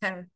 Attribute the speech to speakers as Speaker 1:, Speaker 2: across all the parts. Speaker 1: Eh,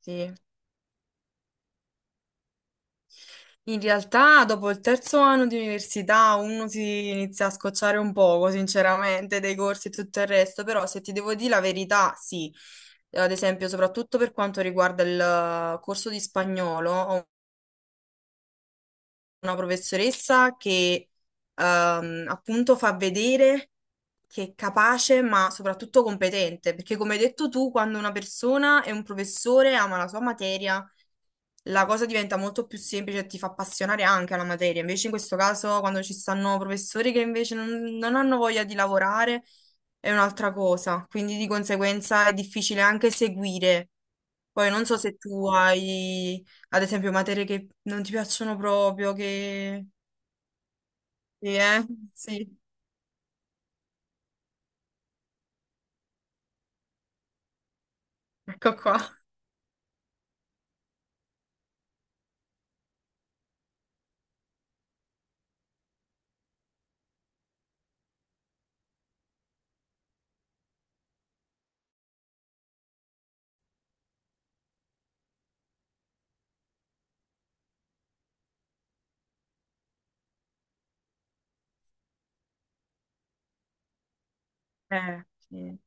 Speaker 1: sì. In realtà dopo il terzo anno di università uno si inizia a scocciare un poco, sinceramente, dei corsi e tutto il resto, però se ti devo dire la verità, sì. Ad esempio, soprattutto per quanto riguarda il corso di spagnolo, ho una professoressa che appunto fa vedere che è capace, ma soprattutto competente, perché come hai detto tu, quando una persona e un professore ama la sua materia, la cosa diventa molto più semplice e ti fa appassionare anche alla materia. Invece in questo caso, quando ci stanno professori che invece non hanno voglia di lavorare, è un'altra cosa. Quindi di conseguenza è difficile anche seguire. Poi non so se tu hai, ad esempio, materie che non ti piacciono proprio. Sì, eh? Sì, ecco qua. Sì.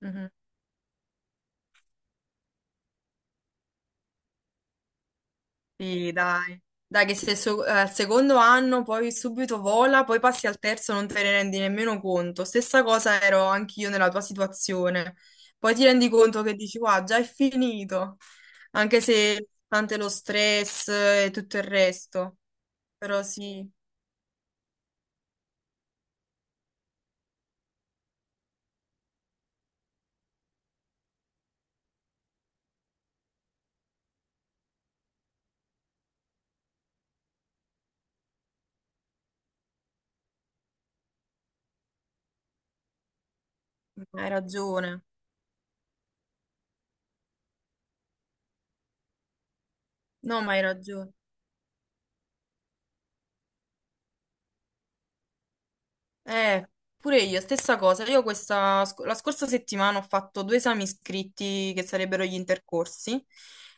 Speaker 1: Mhm. Sì, dai. Dai, che se so- al secondo anno poi subito vola, poi passi al terzo, non te ne rendi nemmeno conto. Stessa cosa ero anch'io nella tua situazione. Poi ti rendi conto che dici, qua, già è finito. Anche se tante lo stress e tutto il resto. Però sì, hai ragione. No, ma hai ragione. Eh, pure io, stessa cosa. Io questa, la scorsa settimana ho fatto due esami scritti che sarebbero gli intercorsi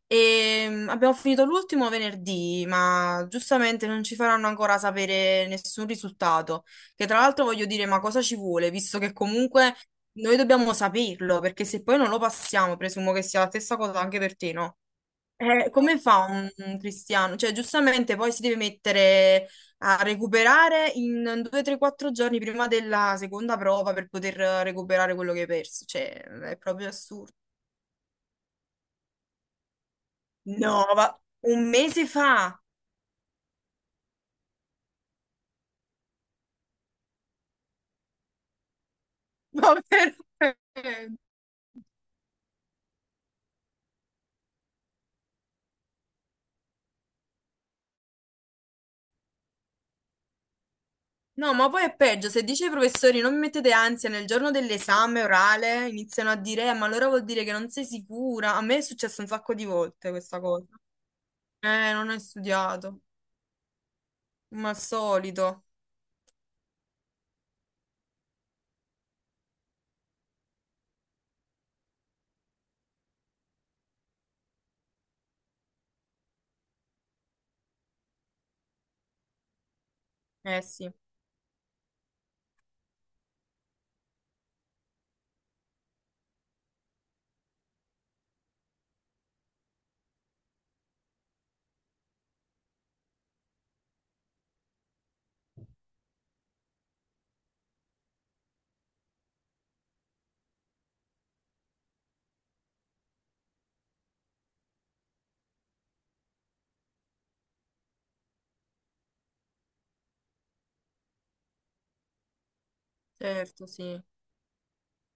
Speaker 1: e abbiamo finito l'ultimo venerdì, ma giustamente non ci faranno ancora sapere nessun risultato. Che tra l'altro voglio dire, ma cosa ci vuole, visto che comunque noi dobbiamo saperlo, perché se poi non lo passiamo, presumo che sia la stessa cosa anche per te, no? Come fa un cristiano? Cioè, giustamente poi si deve mettere a recuperare in 2, 3, 4 giorni prima della seconda prova per poter recuperare quello che hai perso. Cioè, è proprio assurdo. No, ma un mese fa! Ma veramente? No, ma poi è peggio. Se dice ai professori non mi mettete ansia nel giorno dell'esame orale, iniziano a dire, ma allora vuol dire che non sei sicura. A me è successo un sacco di volte questa cosa. Non hai studiato, ma al solito. Eh sì, certo, sì.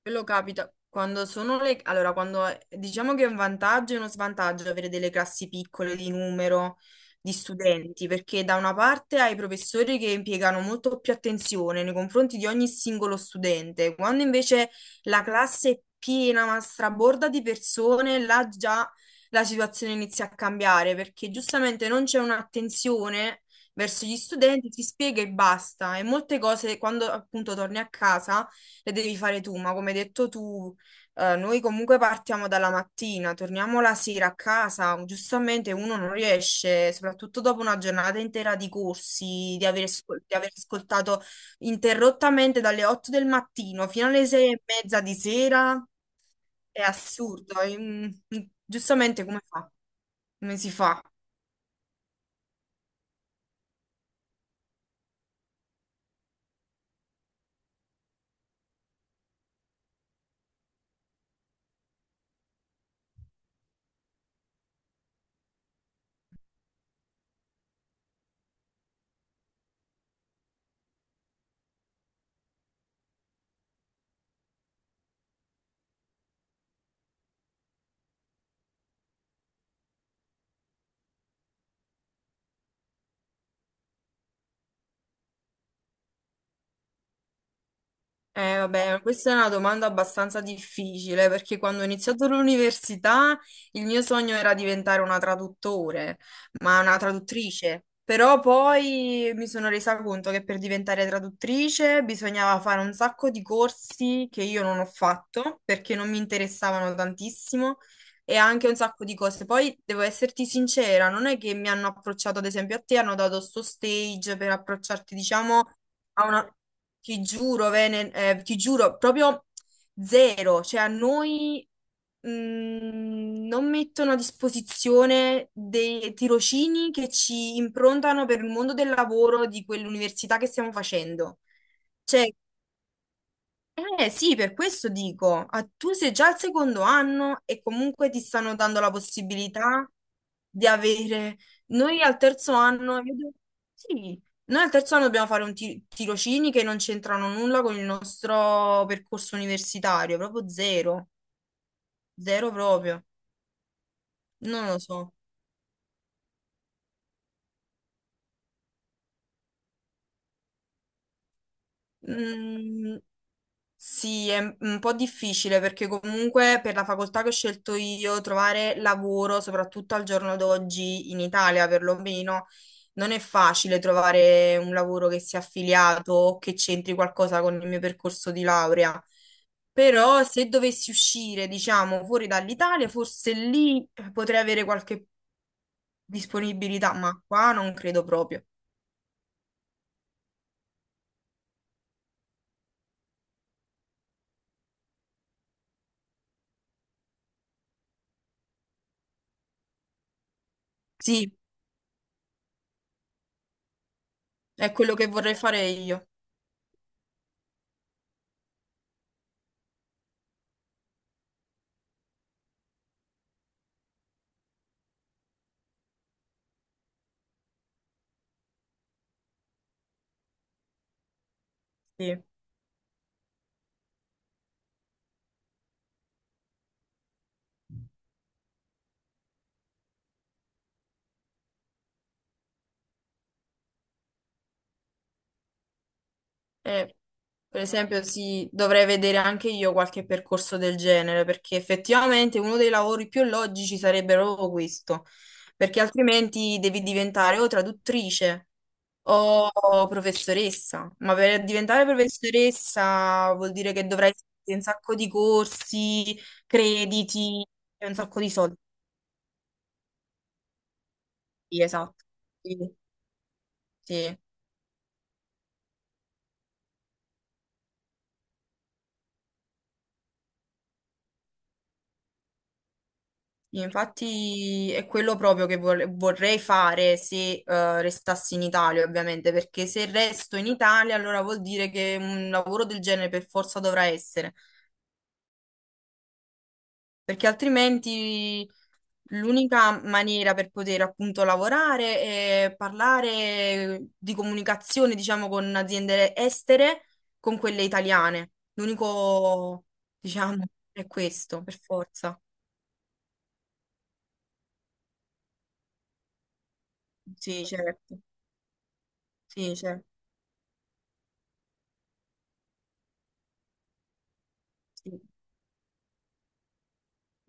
Speaker 1: Quello capita quando sono le... Allora, quando diciamo che è un vantaggio e uno svantaggio avere delle classi piccole di numero di studenti, perché da una parte hai i professori che impiegano molto più attenzione nei confronti di ogni singolo studente, quando invece la classe è piena, ma straborda di persone, là già la situazione inizia a cambiare, perché giustamente non c'è un'attenzione verso gli studenti, ti spiega e basta. E molte cose, quando appunto torni a casa le devi fare tu, ma come hai detto tu, noi comunque partiamo dalla mattina, torniamo la sera a casa, giustamente uno non riesce, soprattutto dopo una giornata intera di corsi, di aver, di aver ascoltato interrottamente dalle 8 del mattino fino alle 6 e mezza di sera, è assurdo, giustamente come fa? Come si fa? Vabbè, questa è una domanda abbastanza difficile perché quando ho iniziato l'università il mio sogno era diventare una traduttore, ma una traduttrice. Però poi mi sono resa conto che per diventare traduttrice bisognava fare un sacco di corsi che io non ho fatto perché non mi interessavano tantissimo e anche un sacco di cose. Poi devo esserti sincera, non è che mi hanno approcciato, ad esempio, a te hanno dato sto stage per approcciarti, diciamo, a una. Ti giuro, Vene, ti giuro, proprio zero. Cioè, a noi non mettono a disposizione dei tirocini che ci improntano per il mondo del lavoro di quell'università che stiamo facendo. Cioè, eh sì, per questo dico, ah, tu sei già al secondo anno e comunque ti stanno dando la possibilità di avere... Noi al terzo anno, sì, noi al terzo anno dobbiamo fare un tirocini che non c'entrano nulla con il nostro percorso universitario, proprio zero, zero proprio, non lo so. Mm, sì, è un po' difficile perché comunque per la facoltà che ho scelto io trovare lavoro, soprattutto al giorno d'oggi in Italia perlomeno, non è facile trovare un lavoro che sia affiliato o che c'entri qualcosa con il mio percorso di laurea. Però se dovessi uscire, diciamo, fuori dall'Italia, forse lì potrei avere qualche disponibilità, ma qua non credo proprio. Sì, è quello che vorrei fare io. Sì. Eh, per esempio, sì, dovrei vedere anche io qualche percorso del genere, perché effettivamente uno dei lavori più logici sarebbe proprio questo, perché altrimenti devi diventare o traduttrice o professoressa, ma per diventare professoressa vuol dire che dovrai fare un sacco di corsi, crediti e un sacco di soldi, esatto. Sì, sì. Infatti è quello proprio che vorrei fare se restassi in Italia, ovviamente, perché se resto in Italia allora vuol dire che un lavoro del genere per forza dovrà essere, perché altrimenti l'unica maniera per poter appunto lavorare è parlare di comunicazione, diciamo, con aziende estere, con quelle italiane. L'unico, diciamo, è questo, per forza. Sì, certo. Sì, certo. Sì.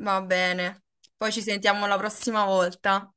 Speaker 1: Va bene. Poi ci sentiamo la prossima volta.